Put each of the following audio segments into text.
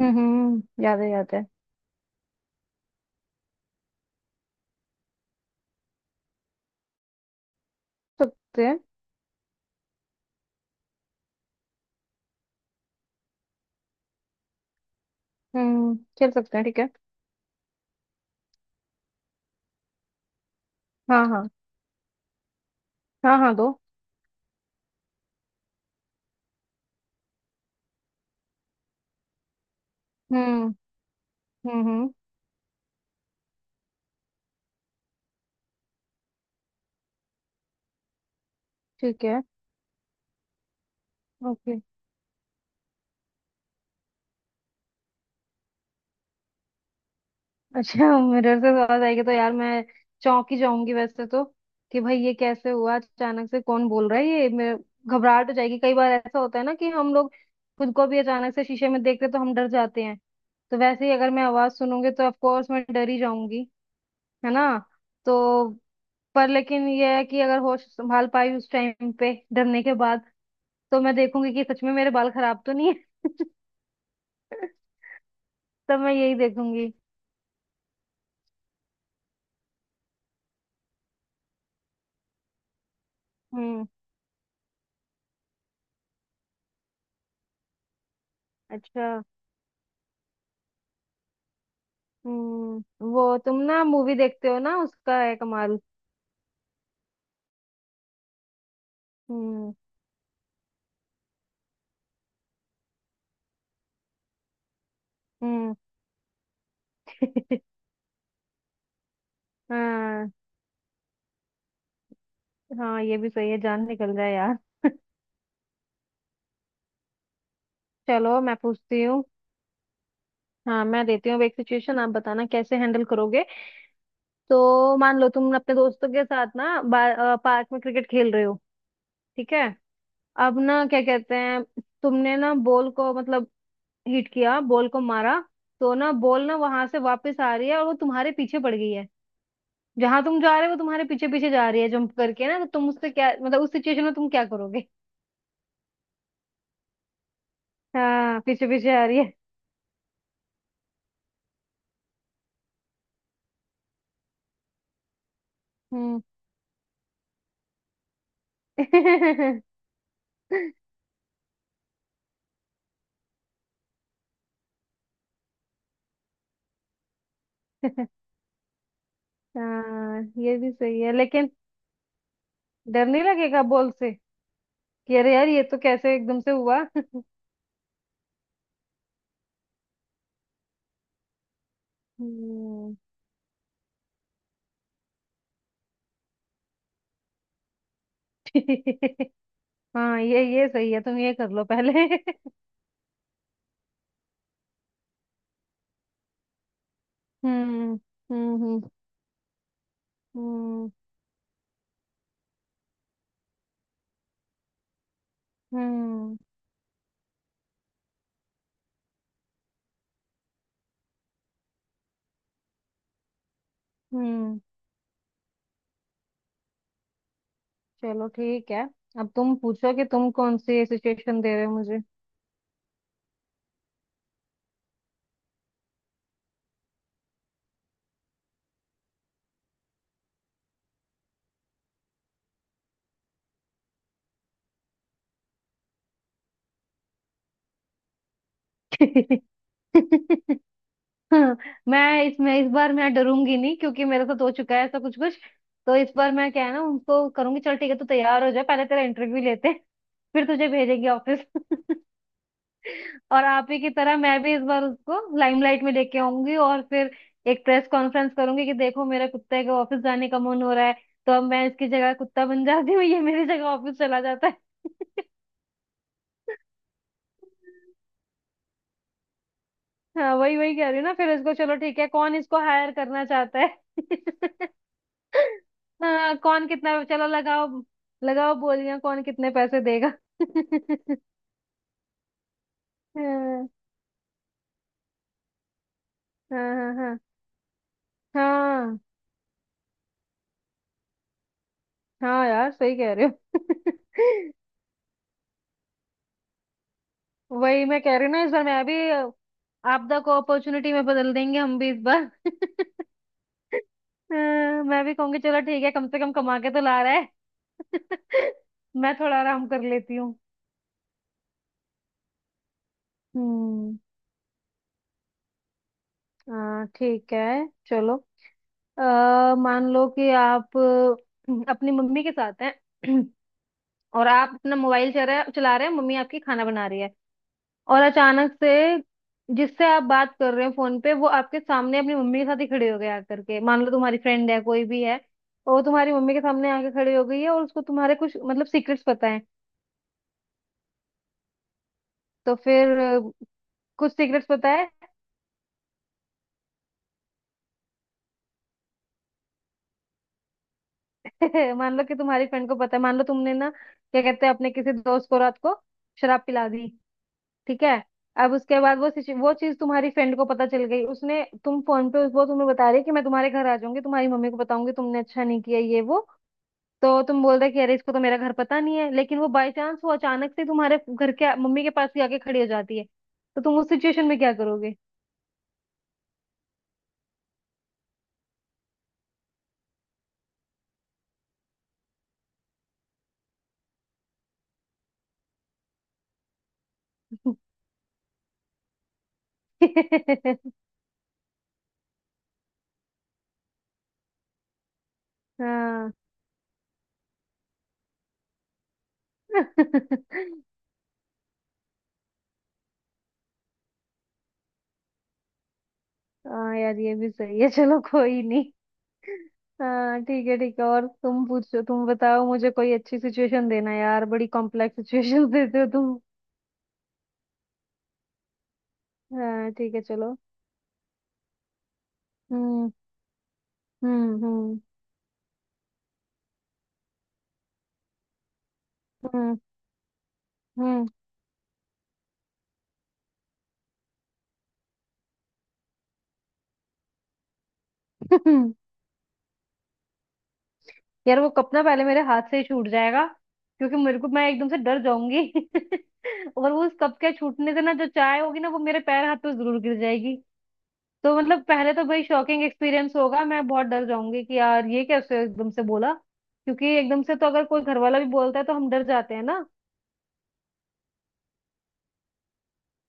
याद है याद है। सकते हैं। खेल सकते हैं, ठीक है। हाँ हाँ। हाँ हाँ, दो। हम्म हम्म हम्म, ठीक है। ओके। अच्छा, मिरर से आवाज आएगी तो यार मैं चौंक ही जाऊंगी वैसे तो। कि भाई ये कैसे हुआ अचानक से, कौन बोल रहा है ये मेरे। घबराहट हो जाएगी। कई बार ऐसा होता है ना कि हम लोग खुद को भी अचानक से शीशे में देखते तो हम डर जाते हैं। तो वैसे ही अगर मैं आवाज सुनूंगी तो ऑफ कोर्स मैं डर ही जाऊंगी। है ना। तो पर लेकिन ये है कि अगर होश संभाल पाई उस टाइम पे डरने के बाद, तो मैं देखूंगी कि सच में मेरे बाल खराब तो नहीं है। तब मैं यही देखूंगी। हम्म। अच्छा। वो तुम ना मूवी देखते हो ना उसका है कमाल। हम्म हम्म। हाँ हाँ, ये भी सही है, जान निकल जाए यार। चलो मैं पूछती हूँ। हाँ, मैं देती हूँ अब एक सिचुएशन, आप बताना कैसे हैंडल करोगे। तो मान लो तुम अपने दोस्तों के साथ ना पार्क में क्रिकेट खेल रहे हो। ठीक है। अब ना क्या कहते हैं, तुमने ना बॉल को मतलब हिट किया, बॉल को मारा। तो ना बॉल ना वहां से वापस आ रही है और वो तुम्हारे पीछे पड़ गई है। जहां तुम जा रहे हो वो तुम्हारे पीछे पीछे जा रही है जंप करके ना, तो तुम उससे क्या, मतलब उस सिचुएशन में तुम क्या करोगे। हाँ, पीछे पीछे आ रही है। हम्म। हाँ, ये भी सही है लेकिन। डर नहीं लगेगा बॉल से, कि अरे यार ये तो कैसे एकदम से हुआ। हम्म। हाँ, ये सही है, तुम ये कर लो पहले। हम्म हम्म हम्म हम्म हम्म हम्म। चलो ठीक है। अब तुम पूछो कि तुम कौन सी सिचुएशन दे रहे हो मुझे। मैं इसमें, इस बार मैं डरूंगी नहीं क्योंकि मेरे साथ हो चुका है ऐसा कुछ कुछ। तो इस बार मैं क्या है ना उनको करूंगी, चल ठीक है तू तैयार हो जा, पहले तेरा इंटरव्यू लेते हैं, फिर तुझे भेजेंगे ऑफिस। और आप ही की तरह मैं भी इस बार उसको लाइमलाइट में लेके आऊंगी, और फिर एक प्रेस कॉन्फ्रेंस करूंगी कि देखो मेरा कुत्ते का ऑफिस जाने का मन हो रहा है। तो अब मैं इसकी जगह कुत्ता बन जाती हूँ, ये मेरी जगह ऑफिस चला जाता है। हाँ, वही वही कह रही हूँ ना, फिर इसको चलो ठीक है कौन इसको हायर करना चाहता है। हाँ कौन कितना, चलो लगाओ। लगाओ बोलियां, कौन कितने पैसे देगा। हाँ हाँ हाँ हाँ। हाँ हाँ यार, सही कह रहे हो। वही मैं कह रही हूँ ना, इस बार मैं भी आपदा को अपॉर्चुनिटी में बदल देंगे, हम भी इस बार। अ, मैं भी कहूंगी चलो ठीक है, कम से कम कमा के तो ला रहा है। मैं थोड़ा आराम कर लेती हूँ। हम्म। हाँ ठीक है चलो। अ, मान लो कि आप अपनी मम्मी के साथ हैं। और आप अपना मोबाइल चला रहे हैं, मम्मी आपकी खाना बना रही है। और अचानक से, जिससे आप बात कर रहे हो फोन पे, वो आपके सामने अपनी मम्मी के साथ ही खड़े हो गए आकर के। मान लो तुम्हारी फ्रेंड है, कोई भी है, और वो तुम्हारी मम्मी के सामने आके खड़ी हो गई है और उसको तुम्हारे कुछ मतलब सीक्रेट्स पता है। तो फिर कुछ सीक्रेट्स पता है। मान लो कि तुम्हारी फ्रेंड को पता है, मान लो तुमने ना क्या कहते हैं, अपने किसी दोस्त को रात को शराब पिला दी। ठीक है। अब उसके बाद वो वो चीज तुम्हारी फ्रेंड को पता चल गई, उसने तुम फोन पे वो तुम्हें बता रही है कि मैं तुम्हारे घर आ जाऊंगी, तुम्हारी मम्मी को बताऊंगी तुमने अच्छा नहीं किया ये वो। तो तुम बोल रहे कि अरे इसको तो मेरा घर पता नहीं है, लेकिन वो बाय चांस वो अचानक से तुम्हारे घर के मम्मी के पास ही आके खड़ी हो जाती है। तो तुम उस सिचुएशन में क्या करोगे। हाँ। हाँ यार, ये भी सही है, चलो कोई नहीं। हाँ ठीक है ठीक है, और तुम पूछो, तुम बताओ मुझे, कोई अच्छी सिचुएशन देना यार, बड़ी कॉम्प्लेक्स सिचुएशन देते हो तुम। हाँ ठीक है चलो। हम्म हम्म हम्म हम्म हम्म। यार, वो कप ना पहले मेरे हाथ से ही छूट जाएगा, क्योंकि मेरे को, मैं एकदम से डर जाऊंगी। और वो उस कप के छूटने से ना, जो चाय होगी ना, वो मेरे पैर हाथ पे जरूर गिर जाएगी। तो मतलब पहले तो भाई शॉकिंग एक्सपीरियंस होगा, मैं बहुत डर जाऊंगी कि यार ये कैसे एकदम से बोला, क्योंकि एकदम से तो अगर कोई घर वाला भी बोलता है तो हम डर जाते हैं ना।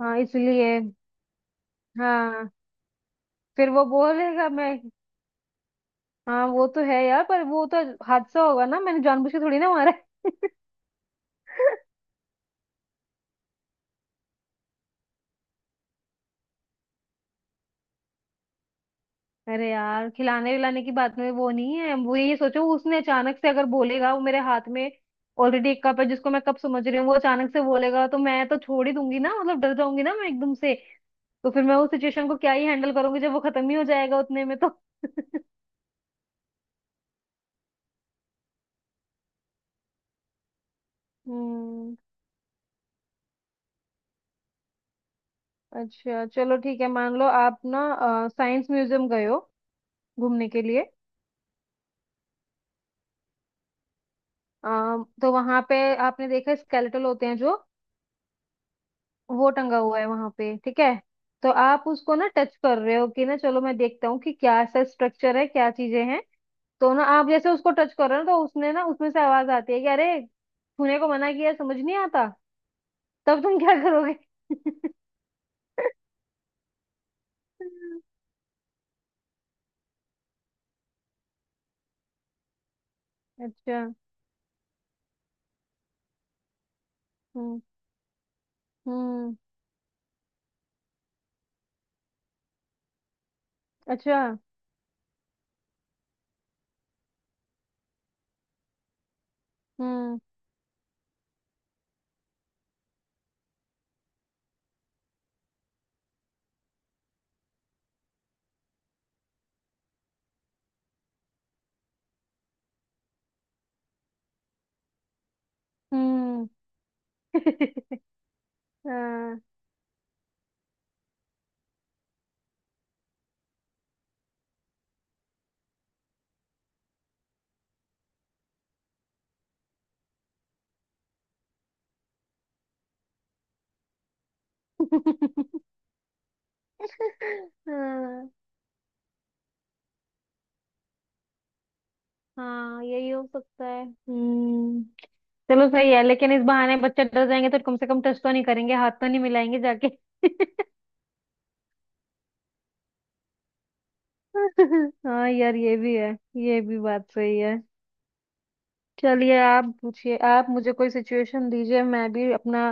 हाँ इसलिए। हाँ। फिर वो बोलेगा मैं। हाँ वो तो है यार, पर वो तो हादसा होगा ना, मैंने जानबूझ के थोड़ी ना मारा है। अरे यार, खिलाने विलाने की बात में वो नहीं है, वो ये सोचो, उसने अचानक से अगर बोलेगा, वो मेरे हाथ में ऑलरेडी एक कप है जिसको मैं कप समझ रही हूँ, वो अचानक से बोलेगा तो मैं तो छोड़ ही दूंगी ना, मतलब डर जाऊंगी ना मैं एकदम से। तो फिर मैं उस सिचुएशन को क्या ही हैंडल करूंगी, जब वो खत्म ही हो जाएगा उतने में तो। हम्म। अच्छा चलो ठीक है, मान लो आप ना साइंस म्यूजियम गए हो घूमने के लिए। तो वहां पे आपने देखा स्केलेटल होते हैं जो, वो टंगा हुआ है वहां पे, ठीक है। तो आप उसको ना टच कर रहे हो कि ना चलो मैं देखता हूँ कि क्या ऐसा स्ट्रक्चर है, क्या चीजें हैं। तो ना आप जैसे उसको टच कर रहे हो ना, तो उसने ना, उसमें से आवाज आती है कि अरे छूने को मना किया है, समझ नहीं आता। तब तुम क्या करोगे। अच्छा। हम्म हम्म। अच्छा। हम्म हम्म। हाँ। हाँ हाँ, यही हो सकता है। हम्म। चलो सही है, लेकिन इस बहाने बच्चे डर जाएंगे तो कम से कम टच तो नहीं करेंगे, हाथ तो नहीं मिलाएंगे जाके। हाँ यार, ये भी है। ये भी बात सही है। चलिए, आप पूछिए, आप मुझे कोई सिचुएशन दीजिए, मैं भी अपना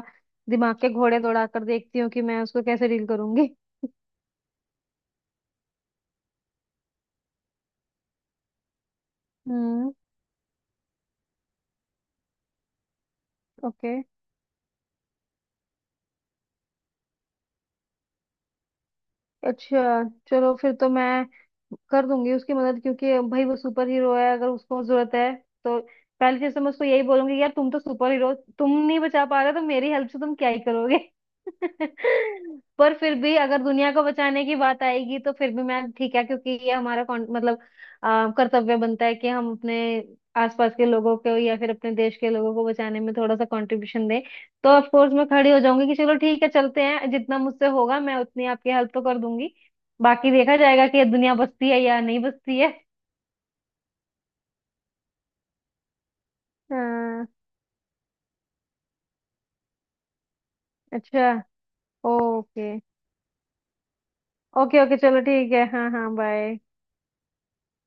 दिमाग के घोड़े दौड़ा कर देखती हूँ कि मैं उसको कैसे डील करूंगी। हम्म। ओके। अच्छा, चलो फिर तो मैं कर दूंगी उसकी मदद, क्योंकि भाई वो सुपर हीरो है, अगर उसको जरूरत है तो। पहली चीज तो मैं उसको यही बोलूंगी, यार तुम तो सुपर हीरो, तुम नहीं बचा पा रहे हो, तो मेरी हेल्प से तुम क्या ही करोगे। पर फिर भी अगर दुनिया को बचाने की बात आएगी तो फिर भी मैं ठीक है, क्योंकि ये हमारा मतलब कर्तव्य बनता है कि हम अपने आसपास के लोगों को या फिर अपने देश के लोगों को बचाने में थोड़ा सा कंट्रीब्यूशन दें। तो ऑफ कोर्स मैं खड़ी हो जाऊंगी कि चलो ठीक है चलते हैं, जितना मुझसे होगा मैं उतनी आपकी हेल्प तो कर दूंगी। बाकी देखा जाएगा कि ये दुनिया बसती है या नहीं बसती है। हाँ। अच्छा। ओके। ओके ओके चलो ठीक है। हाँ हाँ, बाय।